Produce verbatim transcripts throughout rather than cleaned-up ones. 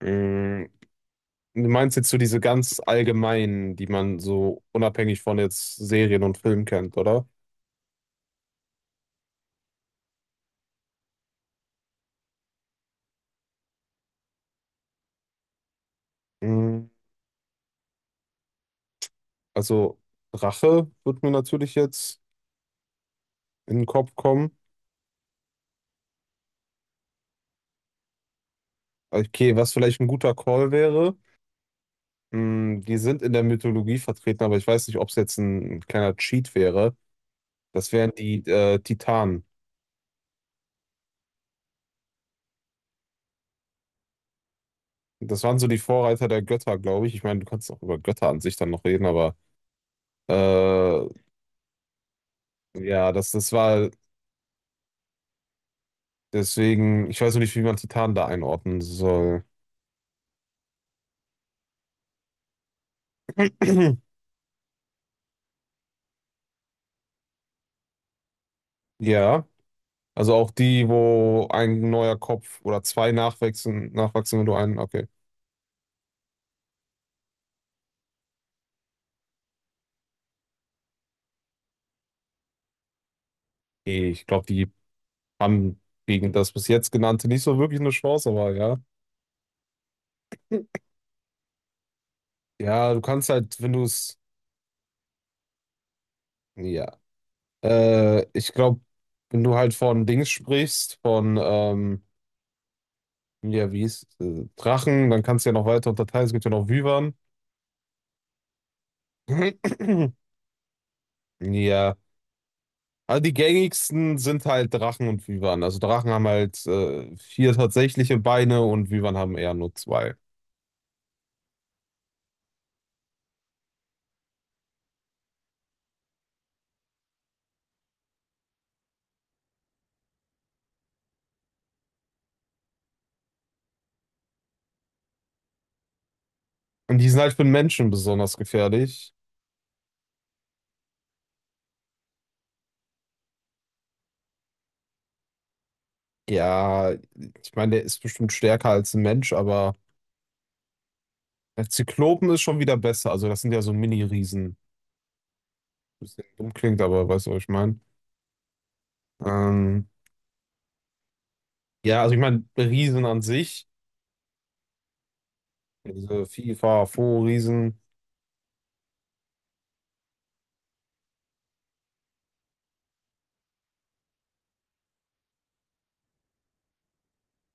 Mm, Du meinst jetzt so diese ganz allgemeinen, die man so unabhängig von jetzt Serien und Filmen kennt, oder? Mm, Also Rache wird mir natürlich jetzt in den Kopf kommen. Okay, was vielleicht ein guter Call wäre, mm, die sind in der Mythologie vertreten, aber ich weiß nicht, ob es jetzt ein kleiner Cheat wäre. Das wären die äh, Titanen. Das waren so die Vorreiter der Götter, glaube ich. Ich meine, du kannst auch über Götter an sich dann noch reden, aber äh, ja, das, das war. Deswegen, ich weiß noch nicht, wie man Titan da einordnen soll. Ja, also auch die, wo ein neuer Kopf oder zwei nachwachsen, nachwachsen und du einen, okay. Nee, ich glaube, die haben gegen das bis jetzt genannte nicht so wirklich eine Chance, aber ja. Ja, du kannst halt, wenn du es, ja. Äh, ich glaube, wenn du halt von Dings sprichst, von, ähm, ja, wie ist, äh, Drachen, dann kannst du ja noch weiter unterteilen, es gibt ja noch Wyvern. Ja. Also die gängigsten sind halt Drachen und Wyvern. Also Drachen haben halt äh, vier tatsächliche Beine und Wyvern haben eher nur zwei. Und die sind halt für den Menschen besonders gefährlich. Ja, ich meine, der ist bestimmt stärker als ein Mensch, aber der Zyklopen ist schon wieder besser. Also das sind ja so Mini-Riesen. Bisschen dumm klingt, aber weißt du, was ich meine? Ähm, ja, also ich meine, Riesen an sich, diese FIFA, Fo-Riesen,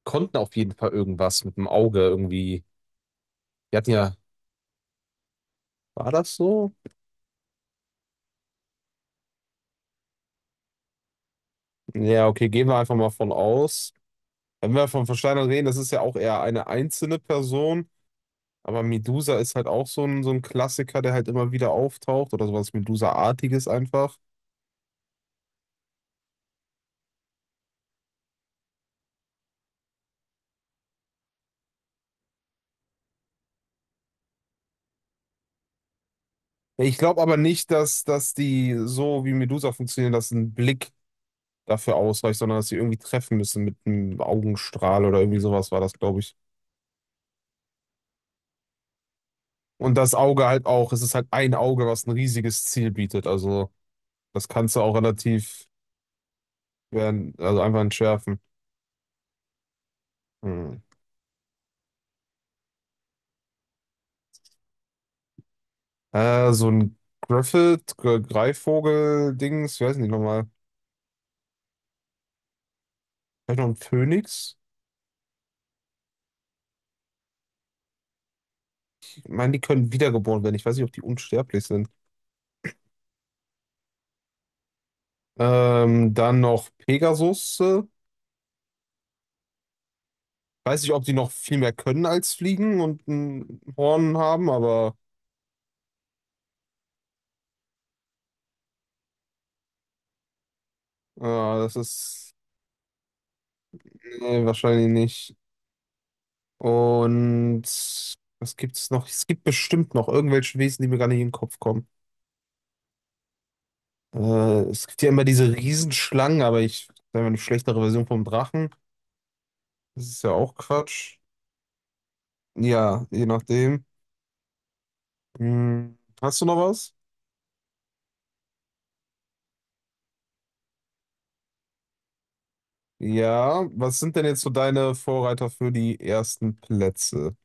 konnten auf jeden Fall irgendwas mit dem Auge irgendwie. Die hatten ja, war das so? Ja, okay, gehen wir einfach mal von aus. Wenn wir von Versteinern reden, das ist ja auch eher eine einzelne Person, aber Medusa ist halt auch so ein, so ein Klassiker, der halt immer wieder auftaucht oder sowas Medusa-artiges einfach. Ich glaube aber nicht, dass, dass die so wie Medusa funktionieren, dass ein Blick dafür ausreicht, sondern dass sie irgendwie treffen müssen mit einem Augenstrahl oder irgendwie sowas war das, glaube ich. Und das Auge halt auch, es ist halt ein Auge, was ein riesiges Ziel bietet. Also das kannst du auch relativ, werden, also einfach entschärfen. Hm. Äh, so ein Griffith, Gre- Greifvogel-Dings, wie heißen die nochmal? Vielleicht noch ein Phönix? Ich meine, die können wiedergeboren werden. Ich weiß nicht, ob die unsterblich sind. Ähm, dann noch Pegasus. äh, Weiß nicht, ob die noch viel mehr können als fliegen und ein Horn haben, aber äh, das ist nee, wahrscheinlich nicht. Und was gibt's noch? Es gibt bestimmt noch irgendwelche Wesen, die mir gar nicht in den Kopf kommen. Äh, es gibt ja immer diese Riesenschlangen, aber ich, sagen wir, eine schlechtere Version vom Drachen. Das ist ja auch Quatsch. Ja, je nachdem. Hm, hast du noch was? Ja, was sind denn jetzt so deine Vorreiter für die ersten Plätze?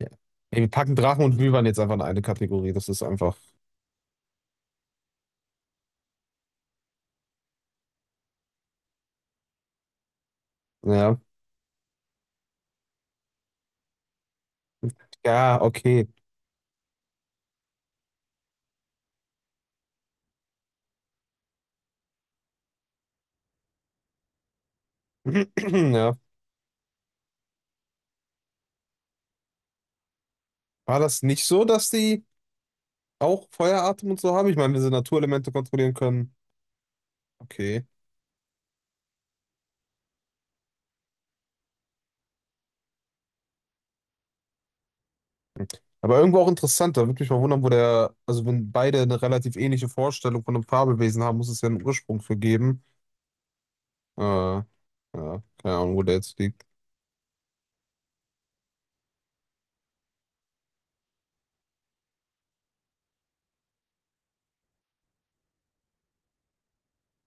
Ja. Ey, wir packen Drachen und Wyvern jetzt einfach in eine Kategorie. Das ist einfach. Ja. Ja, okay. Ja. War das nicht so, dass die auch Feueratem und so haben? Ich meine, wenn sie Naturelemente kontrollieren können. Okay. Aber irgendwo auch interessant. Da würde mich mal wundern, wo der. Also, wenn beide eine relativ ähnliche Vorstellung von einem Fabelwesen haben, muss es ja einen Ursprung für geben. Ah, ja, keine Ahnung, wo der jetzt liegt.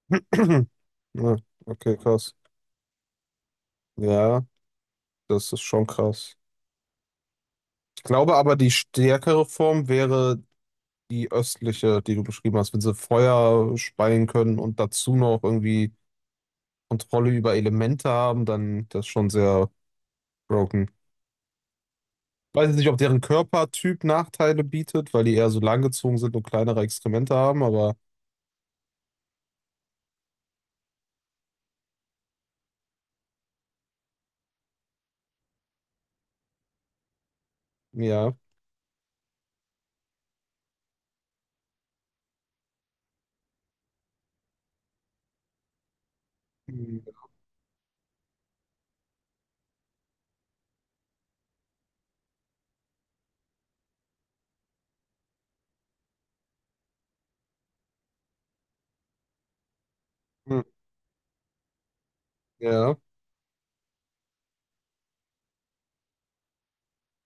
Ja, okay, krass. Ja, das ist schon krass. Ich glaube aber, die stärkere Form wäre die östliche, die du beschrieben hast. Wenn sie Feuer speien können und dazu noch irgendwie Kontrolle über Elemente haben, dann das ist schon sehr broken. Weiß jetzt nicht, ob deren Körpertyp Nachteile bietet, weil die eher so langgezogen sind und kleinere Exkremente haben, aber ja. Hm, ja,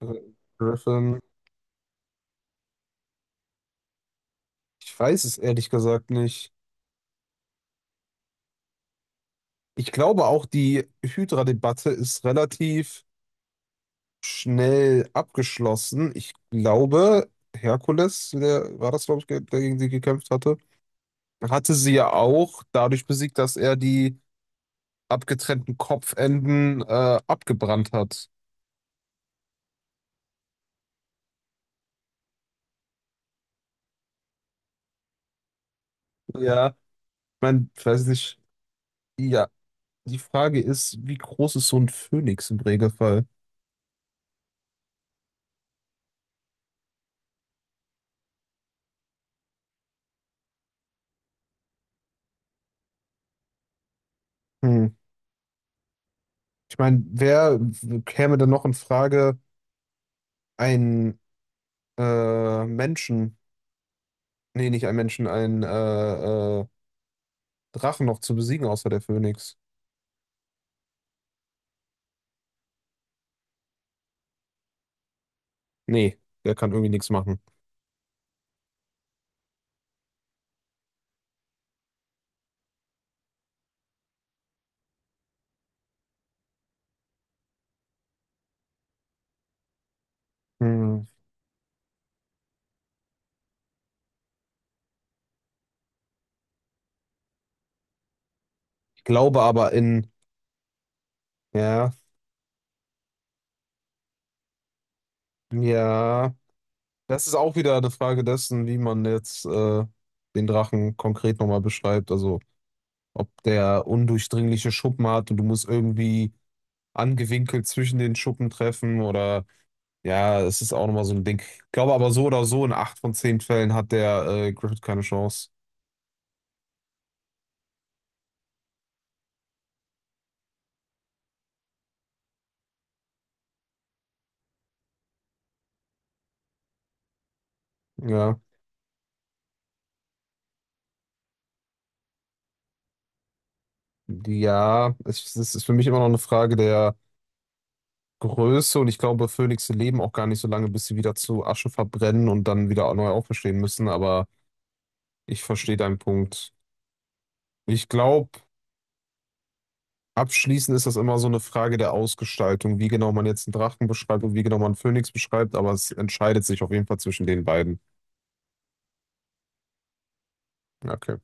äh, Griffin. Ich weiß es ehrlich gesagt nicht. Ich glaube auch, die Hydra-Debatte ist relativ schnell abgeschlossen. Ich glaube, Herkules, der war das, glaube ich, ge- der gegen sie gekämpft hatte, hatte sie ja auch dadurch besiegt, dass er die abgetrennten Kopfenden äh, abgebrannt hat. Ja, ich mein, ich weiß nicht. Ja, die Frage ist, wie groß ist so ein Phönix im Regelfall? Hm. Ich meine, wer w- käme denn noch in Frage, einen äh, Menschen? Nee, nicht ein Menschen, einen äh, äh, Drachen noch zu besiegen, außer der Phönix. Nee, der kann irgendwie nichts machen. Hm. Ich glaube aber in, ja, ja, das ist auch wieder eine Frage dessen, wie man jetzt äh, den Drachen konkret nochmal beschreibt. Also, ob der undurchdringliche Schuppen hat und du musst irgendwie angewinkelt zwischen den Schuppen treffen oder, ja, es ist auch nochmal so ein Ding. Ich glaube aber so oder so, in acht von zehn Fällen hat der äh, Griffith keine Chance. Ja. Ja, es, es ist für mich immer noch eine Frage der Größe und ich glaube, Phönixe leben auch gar nicht so lange, bis sie wieder zu Asche verbrennen und dann wieder neu auferstehen müssen, aber ich verstehe deinen Punkt. Ich glaube, abschließend ist das immer so eine Frage der Ausgestaltung, wie genau man jetzt einen Drachen beschreibt und wie genau man einen Phönix beschreibt, aber es entscheidet sich auf jeden Fall zwischen den beiden. Okay.